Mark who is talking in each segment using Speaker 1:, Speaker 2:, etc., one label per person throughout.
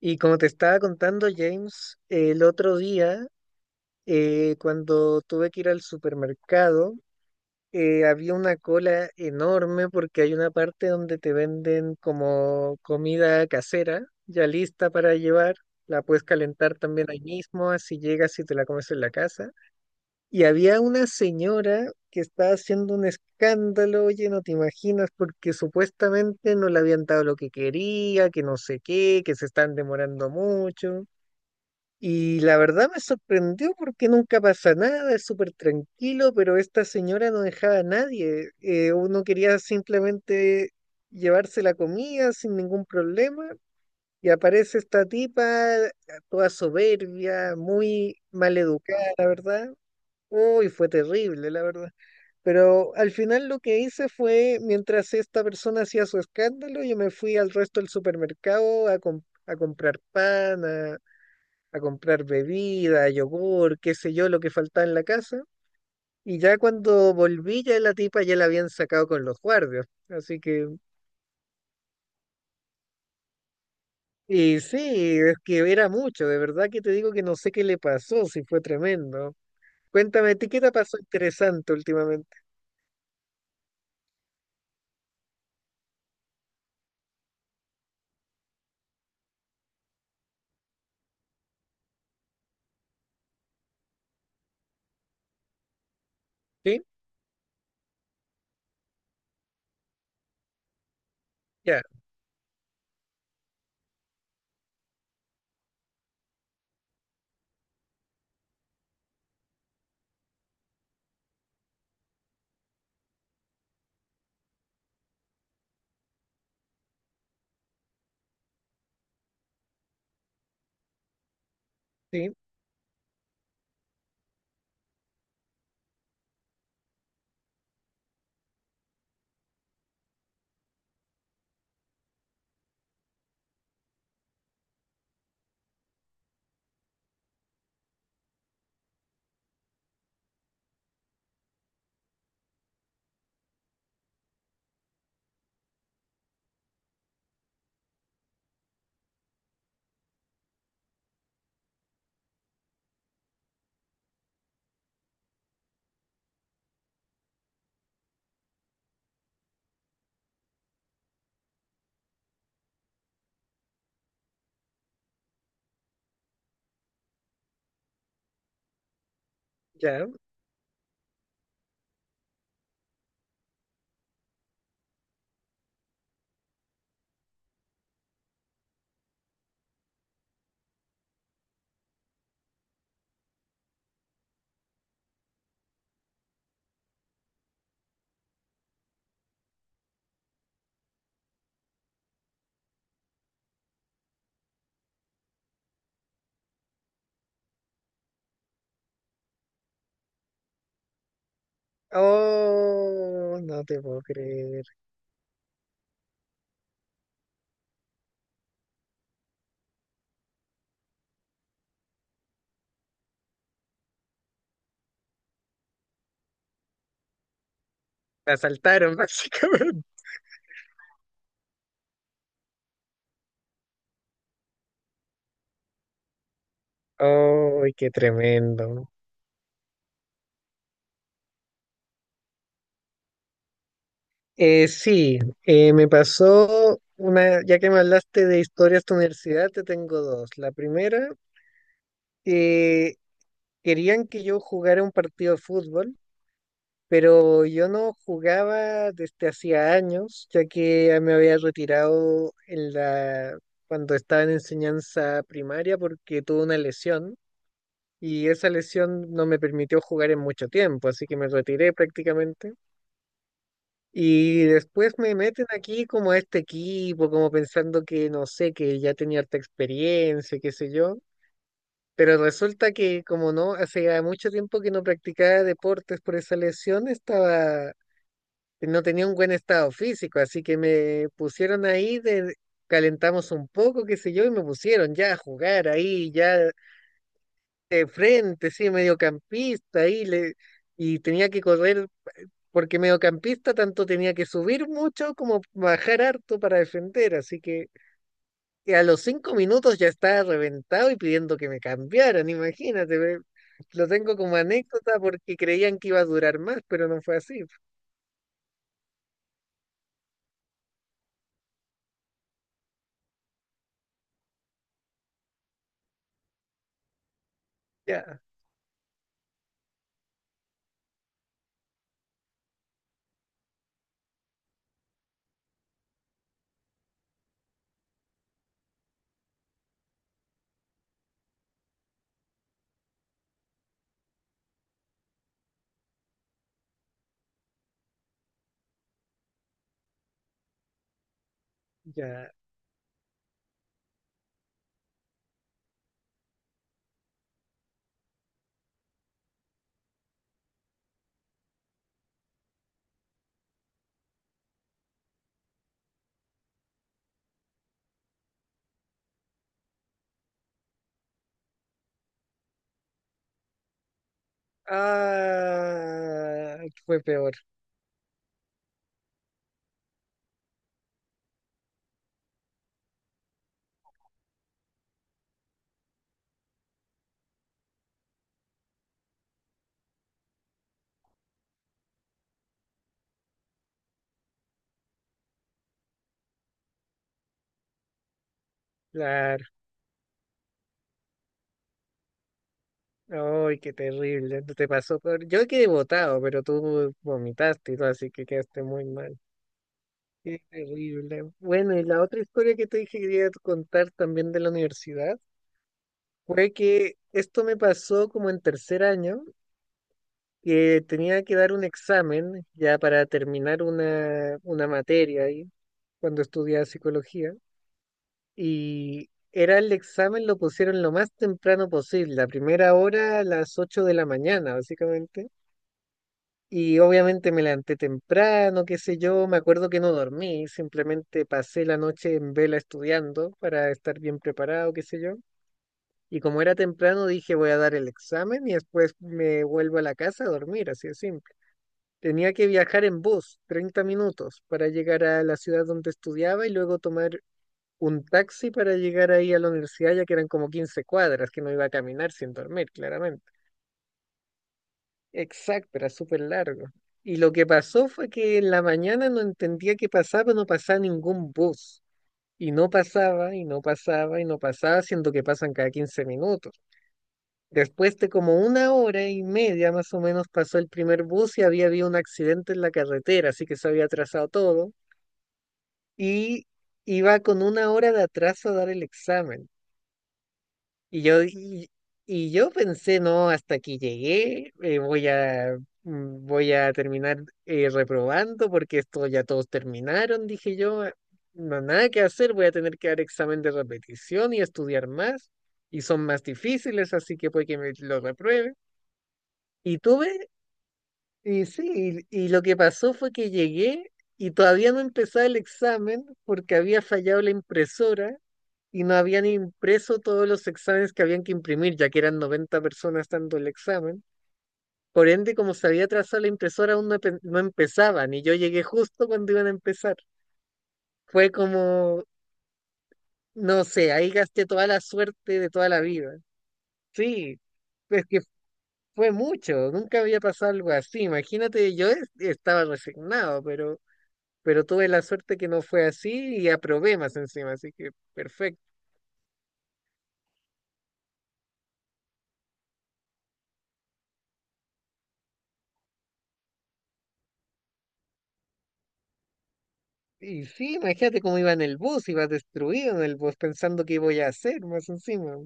Speaker 1: Y como te estaba contando, James, el otro día, cuando tuve que ir al supermercado, había una cola enorme porque hay una parte donde te venden como comida casera, ya lista para llevar. La puedes calentar también ahí mismo, así llegas y te la comes en la casa. Y había una señora que estaba haciendo un escándalo, oye, no te imaginas, porque supuestamente no le habían dado lo que quería, que no sé qué, que se están demorando mucho. Y la verdad me sorprendió porque nunca pasa nada, es súper tranquilo, pero esta señora no dejaba a nadie. Uno quería simplemente llevarse la comida sin ningún problema y aparece esta tipa toda soberbia, muy maleducada, la verdad. Uy, fue terrible, la verdad. Pero al final lo que hice fue, mientras esta persona hacía su escándalo, yo me fui al resto del supermercado a, a comprar pan, a comprar bebida, yogur, qué sé yo, lo que faltaba en la casa. Y ya cuando volví, ya la tipa ya la habían sacado con los guardias. Así que, y sí, es que era mucho, de verdad que te digo que no sé qué le pasó, si fue tremendo. Cuéntame, ¿a ti qué te pasó interesante últimamente? ¿Sí? Ya, sí, ya. Oh, no te puedo creer. La asaltaron, básicamente. Oh, qué tremendo. Sí, me pasó una, ya que me hablaste de historias de universidad, te tengo dos. La primera, eh, querían que yo jugara un partido de fútbol, pero yo no jugaba desde hacía años, ya que ya me había retirado en la, cuando estaba en enseñanza primaria porque tuve una lesión y esa lesión no me permitió jugar en mucho tiempo, así que me retiré prácticamente. Y después me meten aquí como a este equipo, como pensando que no sé, que ya tenía harta experiencia, qué sé yo. Pero resulta que como no, hace mucho tiempo que no practicaba deportes por esa lesión, estaba, no tenía un buen estado físico, así que me pusieron ahí de, calentamos un poco, qué sé yo, y me pusieron ya a jugar ahí, ya de frente, sí, mediocampista, ahí le, y tenía que correr porque mediocampista tanto tenía que subir mucho como bajar harto para defender, así que a los 5 minutos ya estaba reventado y pidiendo que me cambiaran, imagínate, ve, lo tengo como anécdota porque creían que iba a durar más, pero no fue así, ya, ya. Ah, fue peor, claro. Ay, qué terrible. Te pasó peor. Yo quedé botado, pero tú vomitaste y todo, así que quedaste muy mal. Qué terrible. Bueno, y la otra historia que te dije que quería contar también de la universidad fue que esto me pasó como en tercer año, que tenía que dar un examen ya para terminar una materia ahí, cuando estudiaba psicología, y era el examen, lo pusieron lo más temprano posible, la primera hora a las 8:00 de la mañana, básicamente. Y obviamente me levanté temprano, qué sé yo, me acuerdo que no dormí, simplemente pasé la noche en vela estudiando para estar bien preparado, qué sé yo. Y como era temprano, dije voy a dar el examen y después me vuelvo a la casa a dormir, así de simple. Tenía que viajar en bus 30 minutos para llegar a la ciudad donde estudiaba y luego tomar un taxi para llegar ahí a la universidad, ya que eran como 15 cuadras, que no iba a caminar sin dormir, claramente. Exacto, era súper largo. Y lo que pasó fue que en la mañana no entendía qué pasaba, no pasaba ningún bus. Y no pasaba, y no pasaba, y no pasaba, siendo que pasan cada 15 minutos. Después de como una hora y media más o menos pasó el primer bus y había habido un accidente en la carretera, así que se había atrasado todo. Y iba con una hora de atraso a dar el examen. Y yo, y, y yo pensé, no, hasta aquí llegué, voy a terminar reprobando porque esto ya todos terminaron, dije yo, "Ah, no, nada que hacer, voy a tener que dar examen de repetición y estudiar más, y son más difíciles, así que puede que me lo repruebe. Y tuve, y sí, y lo que pasó fue que llegué y todavía no empezaba el examen porque había fallado la impresora y no habían impreso todos los exámenes que habían que imprimir, ya que eran 90 personas dando el examen. Por ende, como se había atrasado la impresora, aún no, no empezaban y yo llegué justo cuando iban a empezar. Fue como, no sé, ahí gasté toda la suerte de toda la vida. Sí, es que fue mucho, nunca había pasado algo así. Imagínate, yo estaba resignado, pero tuve la suerte que no fue así y aprobé más encima, así que perfecto. Y sí, imagínate cómo iba en el bus, iba destruido en el bus pensando qué voy a hacer más encima.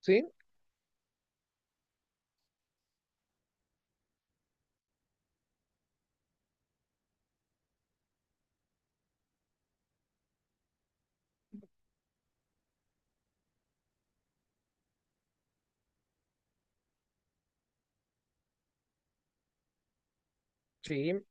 Speaker 1: Sí, sí.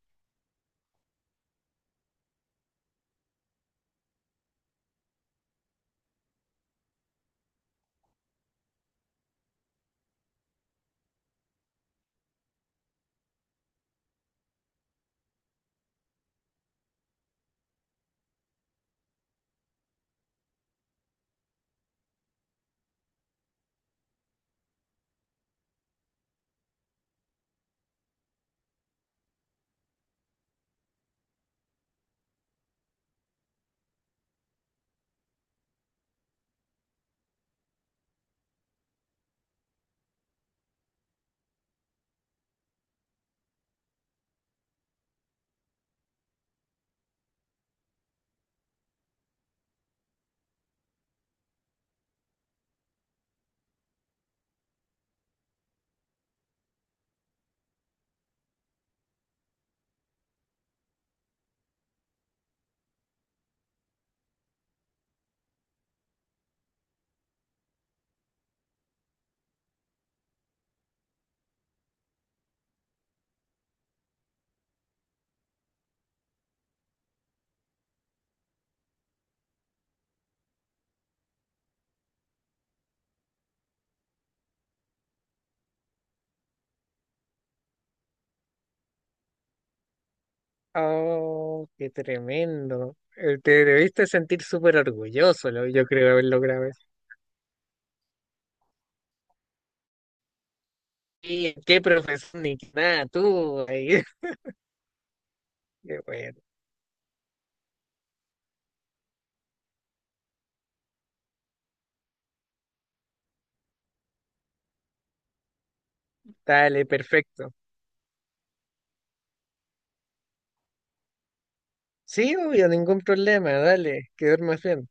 Speaker 1: Oh, qué tremendo. Te debiste sentir súper orgulloso, yo creo, de haber logrado eso. Y qué profesor, ni qué nada, tú. Ahí. Qué bueno. Dale, perfecto. Sí, obvio, ningún problema, dale, que duermas bien.